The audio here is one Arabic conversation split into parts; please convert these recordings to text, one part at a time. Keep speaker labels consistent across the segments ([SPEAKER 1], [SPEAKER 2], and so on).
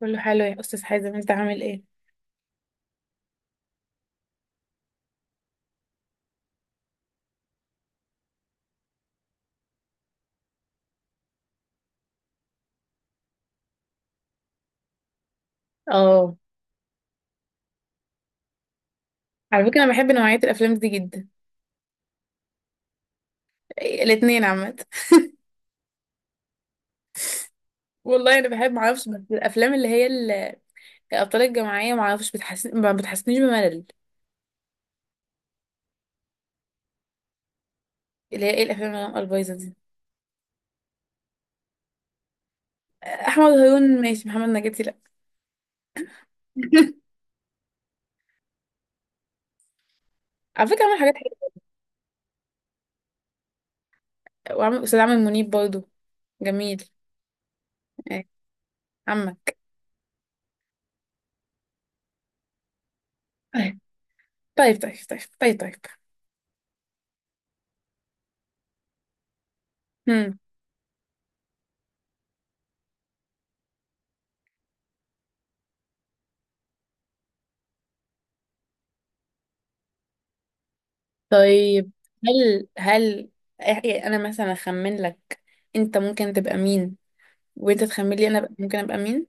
[SPEAKER 1] كله حلو يا استاذ حازم، انت عامل ايه؟ اه. على فكره انا بحب نوعيه الافلام دي جدا، الاثنين عامه. والله انا بحب، معرفش، بس الافلام اللي هي الابطال الجماعيه معرفش بتحسن ما بتحسنيش بملل. اللي هي ايه الافلام اللي البايظه دي؟ احمد هارون ماشي، محمد نجاتي لا. على فكره عمل حاجات حلوه، وعمل استاذ عامر منيب برضو. جميل. إيه، عمك. طيب طيب طيب طيب طيب طيب. هم. طيب. هل انا مثلا اخمن لك انت ممكن تبقى مين، وانت تخمن لي انا بقى ممكن ابقى مين.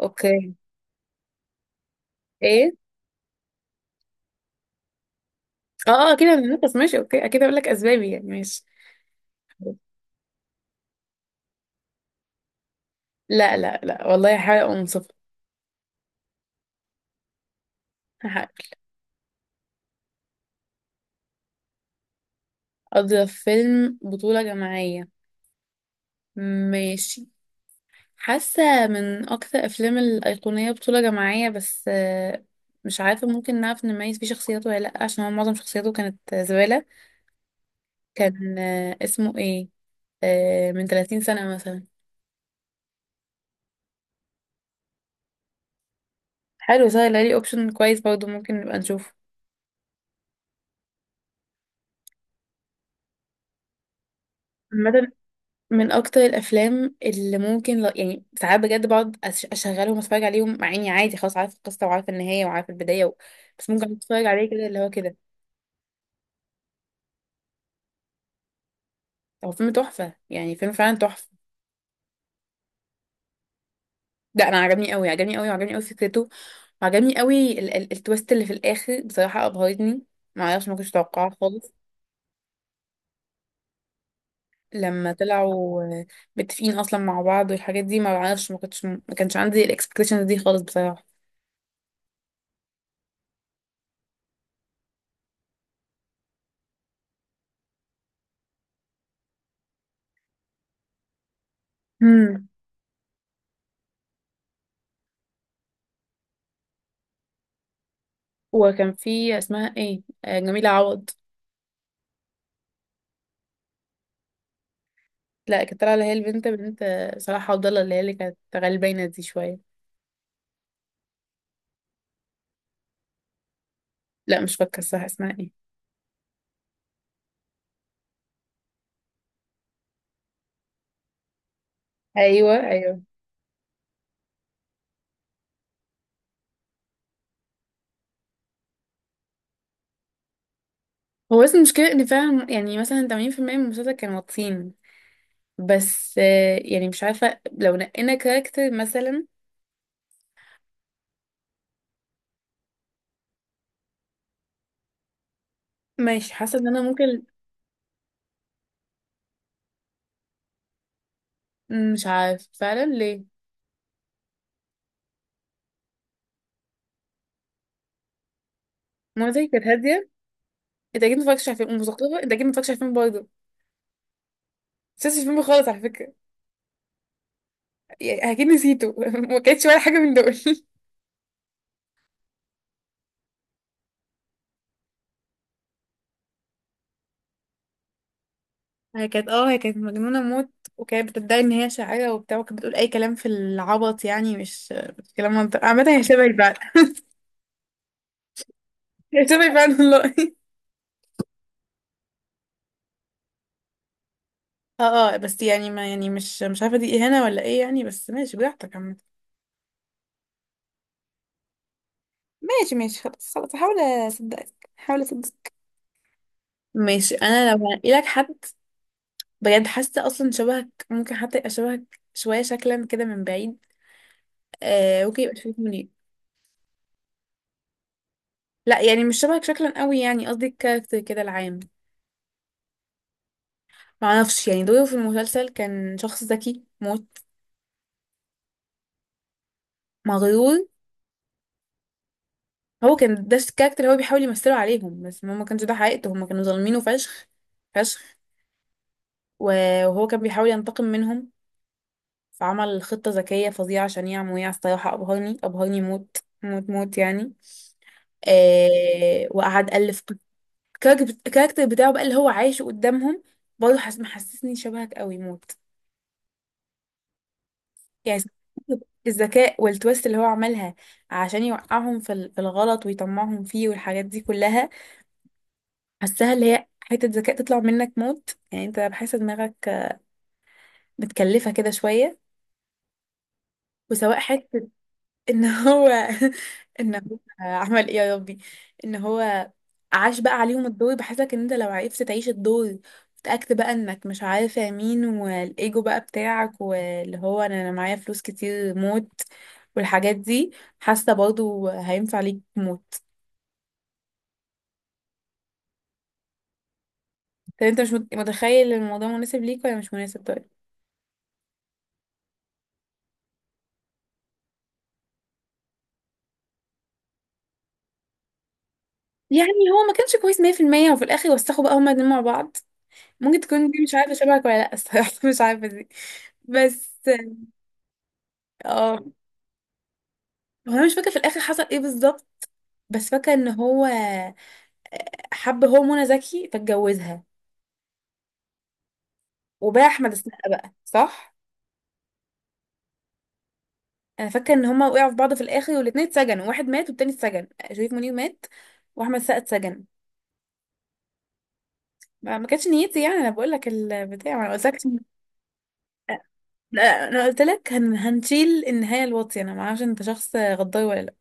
[SPEAKER 1] اوكي. ايه. اه اه، اكيد هنتنفس، ماشي، اوكي، اكيد هقول لك اسبابي يعني، ماشي. لا لا لا، والله هحاول ابقى منصفه. هحاول. اضرب فيلم بطوله جماعيه. ماشي. حاسه من اكثر افلام الايقونيه بطوله جماعيه، بس مش عارفه ممكن نعرف نميز فيه شخصياته ولا لا، عشان هو معظم شخصياته كانت زباله. كان، اسمه ايه، من 30 سنه مثلا. حلو، سهل، علي اوبشن كويس برضه ممكن نبقى نشوفه. عامة من اكتر الافلام اللي ممكن ل... يعني ساعات بجد بقعد اشغلهم واتفرج عليهم، مع اني عادي خلاص عارفه القصه وعارفه النهايه وعارفه البدايه و... بس ممكن اتفرج عليه كده اللي هو كده. هو فيلم تحفه يعني، فيلم فعلا تحفه. لا انا عجبني قوي، عجبني قوي، وعجبني قوي فكرته، وعجبني قوي ال... ال... التويست اللي في الاخر بصراحه ابهرتني، ما اعرفش، ما كنتش متوقعاه خالص. لما طلعوا متفقين اصلا مع بعض والحاجات دي، ما اعرفش، ما كانش عندي الاكسبكتيشنز دي خالص بصراحه. امم. وكان في اسمها ايه، جميله عوض. لا كانت طالعة اللي هي بنت صلاح عبد الله، اللي هي اللي كانت غلبانة دي شوية. لا مش فاكرة الصح اسمها ايه. ايوه ايوه. هو بس المشكلة ان فعلا يعني مثلا 80% من المسلسل كانوا واطيين، بس يعني مش عارفة لو نقينا كاركتر مثلا. ماشي. حاسة ان انا ممكن. مش عارف فعلا ليه. منى كانت هادية. انت اكيد متفرجتش على فيلم ومثقفة، انت اكيد متفرجتش على فيلم برضه، مش شفتش الفيلم خالص على فكرة. يعني اكيد نسيته. ما كانتش ولا حاجة من دول. هي كانت اه، هي كانت مجنونة موت، وكانت بتدعي ان هي شاعرة وبتاع، وكانت بتقول اي كلام في العبط يعني، مش كلام منطقي، عامة هي شبهي فعلا. هي شبهي فعلا والله. اه اه، بس يعني ما يعني، مش عارفة دي اهانة ولا ايه يعني، بس ماشي براحتك عامة. ماشي ماشي، خلاص خلاص، هحاول اصدقك، هحاول اصدقك. ماشي، انا لو هلاقي لك حد. بجد حاسة اصلا شبهك، ممكن حتى يبقى شبهك شوية شكلا كده من بعيد. آه، ممكن يبقى شبهك منير. لا يعني مش شبهك شكلا قوي، يعني قصدي الكاركتر كده العام. معرفش يعني، دوره في المسلسل كان شخص ذكي موت. مغرور. هو كان ده الكاركتر اللي هو بيحاول يمثله عليهم، بس هما ما كانش ده حقيقته، هما كانوا ظالمينه فشخ فشخ. وهو كان بيحاول ينتقم منهم، فعمل خطة ذكية فظيعة عشان يعمل، الصراحة أبهرني، أبهرني موت، موت موت يعني. آه، وقعد ألف الكاركتر بتاعه بقى اللي هو عايشه قدامهم. برضه محسسني شبهك قوي موت يعني، الذكاء والتويست اللي هو عملها عشان يوقعهم في في الغلط ويطمعهم فيه والحاجات دي كلها، حاساها اللي هي حتة ذكاء تطلع منك موت، يعني انت بحس دماغك متكلفة كده شوية، وسواء حتة ان هو ان هو عمل ايه يا ربي، ان هو عاش بقى عليهم الدور، بحسك ان انت لو عرفت تعيش الدور وتأكد بقى انك مش عارفة مين، والايجو بقى بتاعك، واللي هو انا، أنا معايا فلوس كتير موت، والحاجات دي. حاسة برضو هينفع ليك موت. طب انت مش متخيل إن الموضوع مناسب ليك ولا مش مناسب؟ طيب. يعني هو ما كانش كويس 100%، وفي الاخر وسخوا بقى هما الاتنين مع بعض. ممكن تكون دي مش عارفة شبهك ولا لا الصراحة. مش عارفة دي، بس اه. هو انا مش فاكره في الاخر حصل ايه بالظبط، بس فاكره ان هو حب هو منى زكي فاتجوزها وباع احمد السقا بقى، صح؟ انا فاكره ان هما وقعوا في بعض في الاخر والاتنين اتسجنوا، واحد مات والتاني اتسجن، شريف منير مات واحمد السقا اتسجن. ما ما كانتش نيتي يعني، انا بقول لك البتاع، ما انا قلت لك. لا، انا قلت لك هنشيل النهايه الواطيه، انا ما اعرفش انت شخص غدار ولا لا.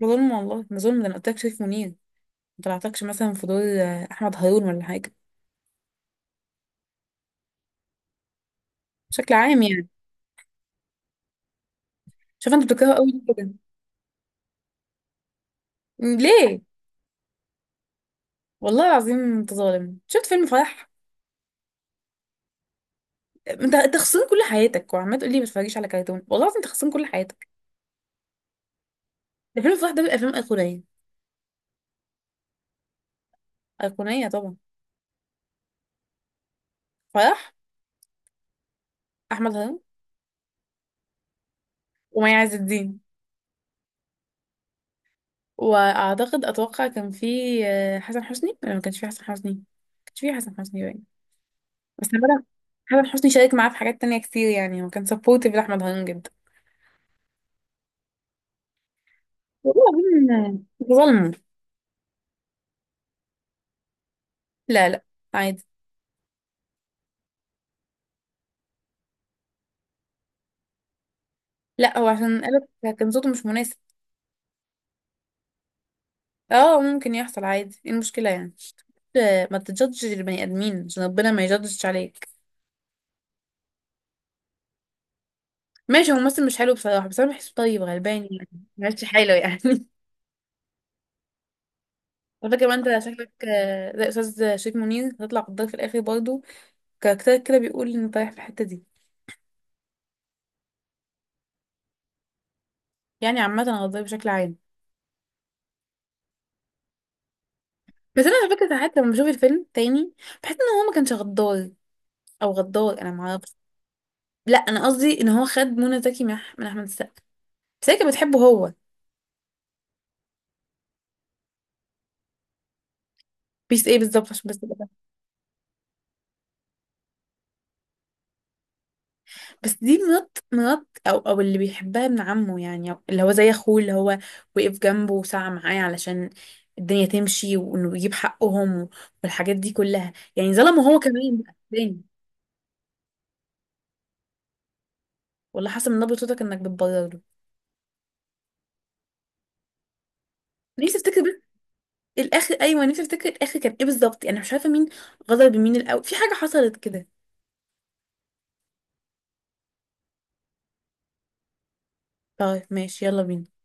[SPEAKER 1] ده ظلم والله، ده ظلم، ده انا قلت لك شريف منير، ما طلعتكش مثلا في دور احمد هارون ولا حاجه، بشكل عام يعني. شوف انت بتكرهه قوي ليه كده؟ ليه؟ والله العظيم انت ظالم، شفت فيلم فرح؟ انت انت خسران كل حياتك وعمال تقول لي ما تتفرجيش على كرتون، والله العظيم انت خسران كل حياتك. ده فيلم فرح، ده من الافلام الايقونيه. ايقونيه طبعا. فرح. احمد هرم. ومي عز الدين. واعتقد اتوقع كان في حسن حسني، ولا ما كانش في حسن حسني، ما كانش في حسن حسني باين. بس انا بدأ، حسن حسني شارك معاه في حاجات تانية كتير يعني، هو كان سبورتيف لاحمد هرم جدا. والله العظيم انت ظالمه. لا لا، عادي. لا هو عشان قالت كان صوته مش مناسب، اه ممكن يحصل عادي، ايه المشكله يعني؟ ما تجدش البني ادمين عشان ربنا ما يجدش عليك. ماشي، هو ممثل مش حلو بصراحه، بس انا بحسه طيب غلبان يعني، ماشي حاله يعني. على فكره ما انت شكلك زي استاذ شريف منير، هتطلع قدام في الاخر برضه، كاركترك كده بيقول ان رايح في الحته دي، يعني عامه غدار بشكل عام. بس انا على فكره ساعات لما بشوف الفيلم تاني، بحس ان هو ما كانش غدار، او غدار انا ما اعرفش. لا انا قصدي ان هو خد منى زكي من من احمد السقا، بس هي كانت بتحبه هو. بيس ايه بالظبط عشان بس؟ بس دي مرات، مرات او اللي بيحبها ابن عمه يعني، أو اللي هو زي اخوه، اللي هو وقف جنبه وسعى معاه علشان الدنيا تمشي وانه يجيب حقهم والحاجات دي كلها، يعني ظلمه هو كمان بقى تاني. والله حسب من نبرة صوتك انك بتبرر له. نفسي افتكر بس الاخر، ايوه نفسي افتكر الاخر كان ايه بالظبط، يعني مش عارفه مين غدر بمين الاول، في حاجه حصلت كده. طيب ماشي، يلا بينا.